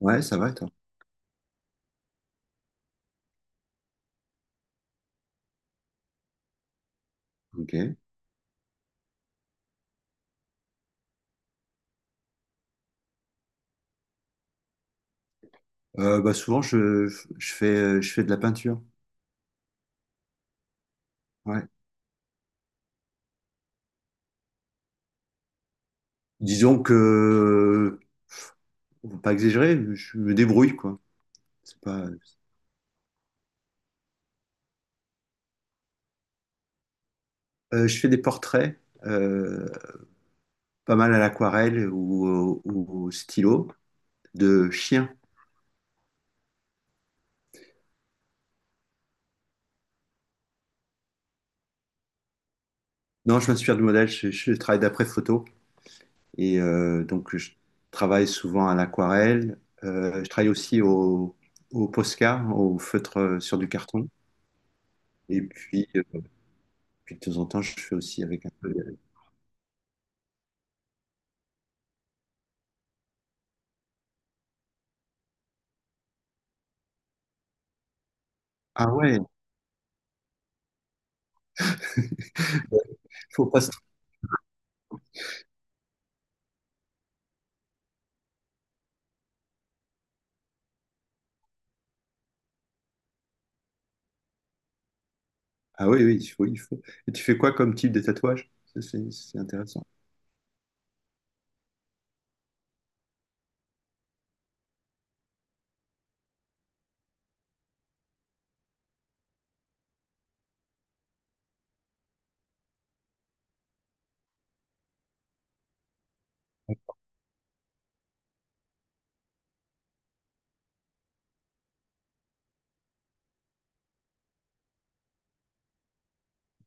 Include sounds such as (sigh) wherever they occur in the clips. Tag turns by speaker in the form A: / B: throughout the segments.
A: Ouais, ça va, et toi. Ok. Souvent, je fais de la peinture. Ouais. Disons que on va pas exagérer, je me débrouille, quoi. C'est pas... Je fais des portraits, euh, pas mal à l'aquarelle ou au stylo, de chiens. Non, je m'inspire du modèle, je travaille d'après photo. Et donc, je travaille souvent à l'aquarelle. Je travaille aussi au Posca, au feutre sur du carton. Et puis, euh, Puis de temps en temps, je fais aussi avec un peu. Ah ouais, il faut pas se- ah oui, oui, il faut, il faut. Et tu fais quoi comme type de tatouage? C'est intéressant.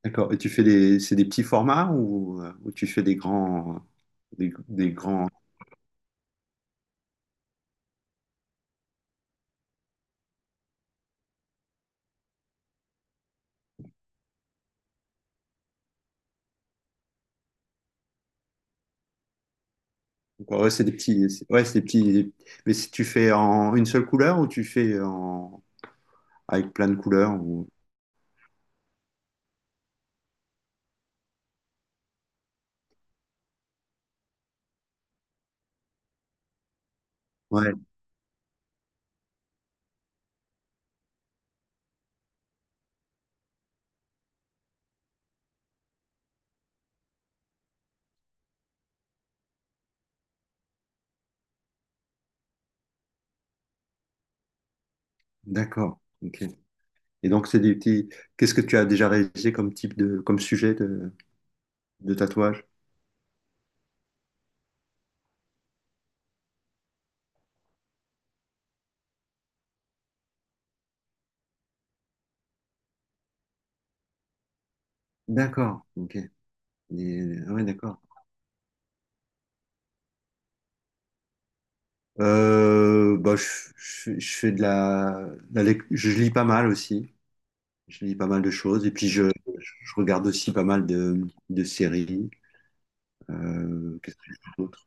A: D'accord. Et c'est des petits formats ou tu fais des grands. Ouais, c'est des petits. Ouais, c'est des petits. Mais si tu fais en une seule couleur ou tu fais en avec plein de couleurs ou. Ouais, d'accord. Ok. Et donc c'est des petits. Qu'est-ce que tu as déjà réalisé comme sujet de tatouage? D'accord. Ok. Ouais, d'accord. Euh, bah, je, je fais de la, la lec- je lis pas mal aussi. Je lis pas mal de choses. Je regarde aussi pas mal de séries. Qu'est-ce que je fais d'autre?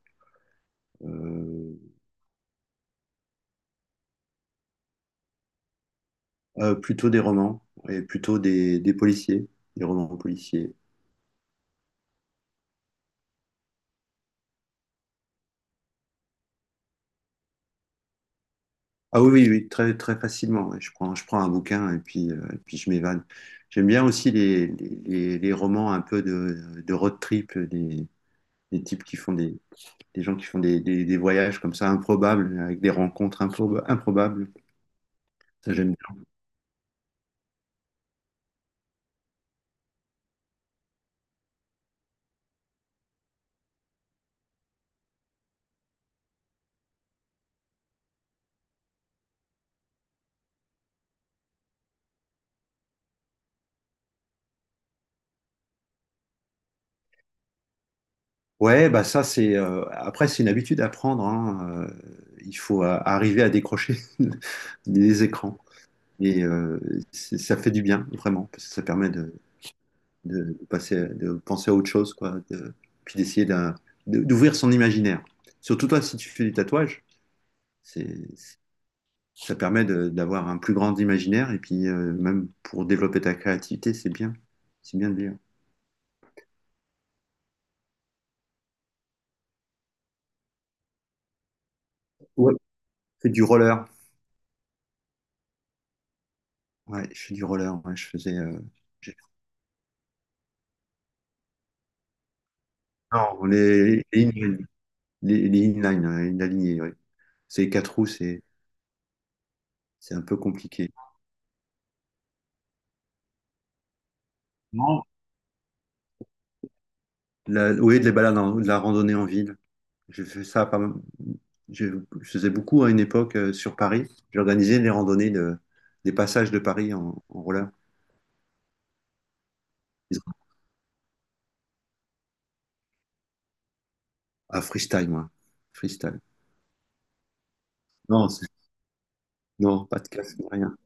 A: Euh, Plutôt des romans et plutôt des policiers, des romans policiers. Ah oui, oui, oui, très, très facilement, ouais. Je prends un bouquin et puis je m'évade. J'aime bien aussi les romans un peu de road trip, des types qui font des, des gens qui font des voyages comme ça improbables, avec des rencontres improbables. Ça, j'aime bien. Ouais, bah ça, c'est, après, c'est une habitude à prendre, hein. Il faut arriver à décrocher (laughs) des écrans. Et c'est- ça fait du bien, vraiment, parce que ça permet de passer, de penser à autre chose, quoi, de- puis d'essayer d'un- de- d'ouvrir son imaginaire. Surtout toi, si tu fais du tatouage, c'est, c'est- ça permet d'avoir un plus grand imaginaire, et puis même pour développer ta créativité, c'est bien. C'est bien de lire. Ouais, je fais du roller. Ouais, je fais du roller. Ouais, je faisais, j'ai- non, les inline, les inline, inalignés, ouais. C'est quatre roues, c'est un peu compliqué. Non. La, oui, de la randonnée en ville. J'ai fait ça pas mal. Je, je faisais beaucoup à une époque sur Paris. J'organisais des passages de Paris en, en roller. À freestyle, moi. Freestyle. Non, non, pas de casque, rien.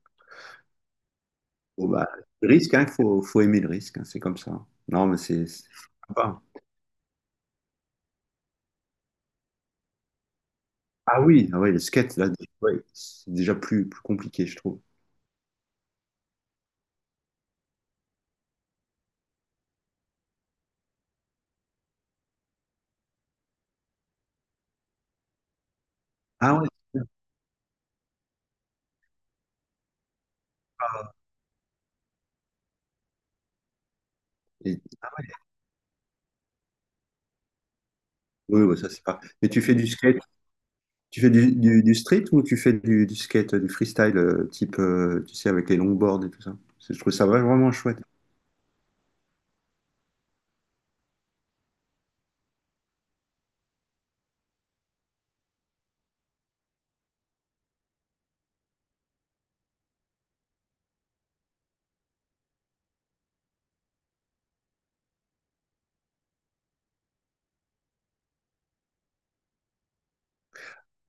A: Bon, bah, le risque, hein, faut, faut aimer le risque, hein, c'est comme ça. Non, mais c'est sympa. Ah oui, ah ouais, le skate, là, ouais, c'est déjà plus, plus compliqué, je trouve. Ah ouais, ah ouais. Oui, ouais, ça c'est pas. Mais tu fais du skate, tu fais du street ou tu fais du skate, du freestyle, type, tu sais, avec les longboards et tout ça. Je trouve ça vraiment vraiment chouette.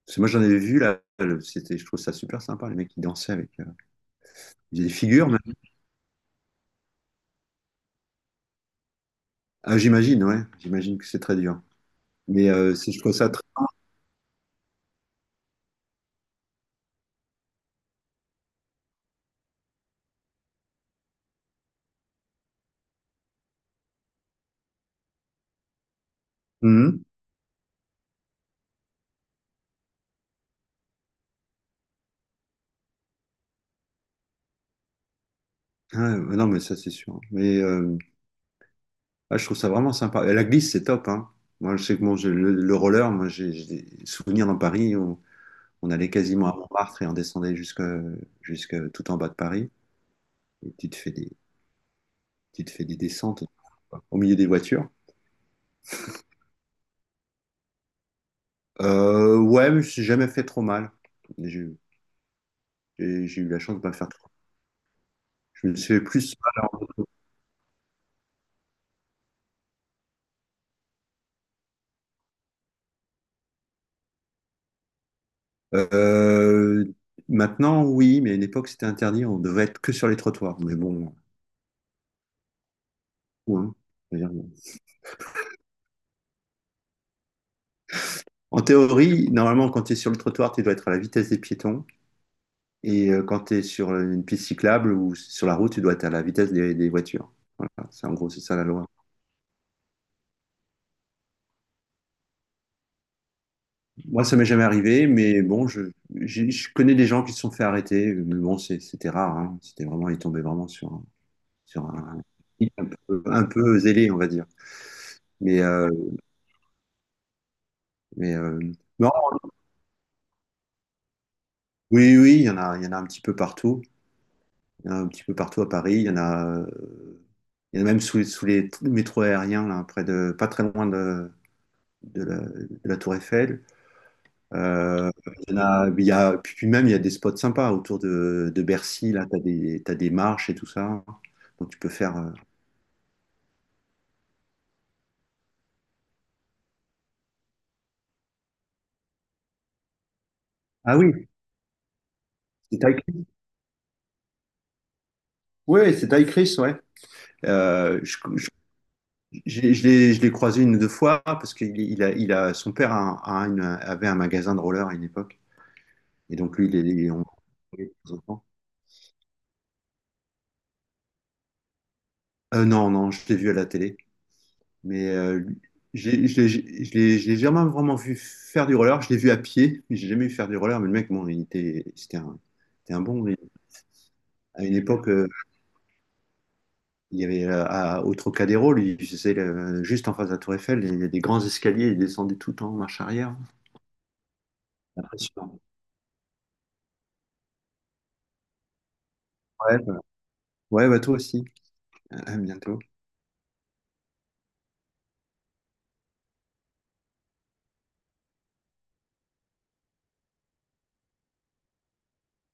A: Parce que moi j'en avais vu là, c'était, je trouve ça super sympa, les mecs qui dansaient avec des figures même. Ah, j'imagine, ouais, j'imagine que c'est très dur. Mais c'est- je trouve ça très. Mhm. Ah, ouais, non, mais ça c'est sûr. Mais ah, je trouve ça vraiment sympa. Et la glisse, c'est top, hein. Moi, je sais que bon, le roller, moi, j'ai des souvenirs dans Paris où on allait quasiment à Montmartre et on descendait jusque, jusque tout en bas de Paris. Et tu te fais des, tu te fais des descentes au milieu des voitures. Ouais, mais je me suis jamais fait trop mal. J'ai eu j'ai eu la chance de pas faire trop. Je me suis fait plus mal. Maintenant, oui, mais à une époque, c'était interdit. On devait être que sur les trottoirs. Mais bon, ouais. Je veux dire, en théorie, normalement, quand tu es sur le trottoir, tu dois être à la vitesse des piétons. Et quand tu es sur une piste cyclable ou sur la route, tu dois être à la vitesse des voitures. Voilà, c'est en gros, c'est ça la loi. Moi, ça m'est jamais arrivé, mais bon, je connais des gens qui se sont fait arrêter, mais bon, c'était rare, hein. C'était vraiment, ils tombaient vraiment sur un, un peu zélé, on va dire. Mais, euh, mais euh, non, oui, oui, il y en a, il y en a un petit peu partout. Il y en a un petit peu partout à Paris. Il y en a, il y en a même les sous les métros aériens, là, près de, pas très loin de la Tour Eiffel. Euh, il y a- puis même, il y a des spots sympas autour de Bercy. Là, tu as des, t'as des marches et tout ça. Donc, tu peux faire, ah oui, c'est Ty Chris. Ouais, c'est Ty Chris, ouais. Euh, je je- je l'ai croisé une ou deux fois parce qu'il il a, son père a avait un magasin de roller à une époque. Et donc, lui, euh, non, non, je l'ai vu à la télé. Mais j'ai- je l'ai je- je l'ai jamais vraiment vu faire du roller. Je l'ai vu à pied, mais j'ai jamais vu faire du roller. Mais le mec, bon, c'était un bon, mais à une époque, il y avait au Trocadéro, lui, juste en face de la Tour Eiffel, il y a des grands escaliers, il descendait tout en marche arrière. Impressionnant. Ouais, bah, ouais, bah, toi aussi. À bientôt.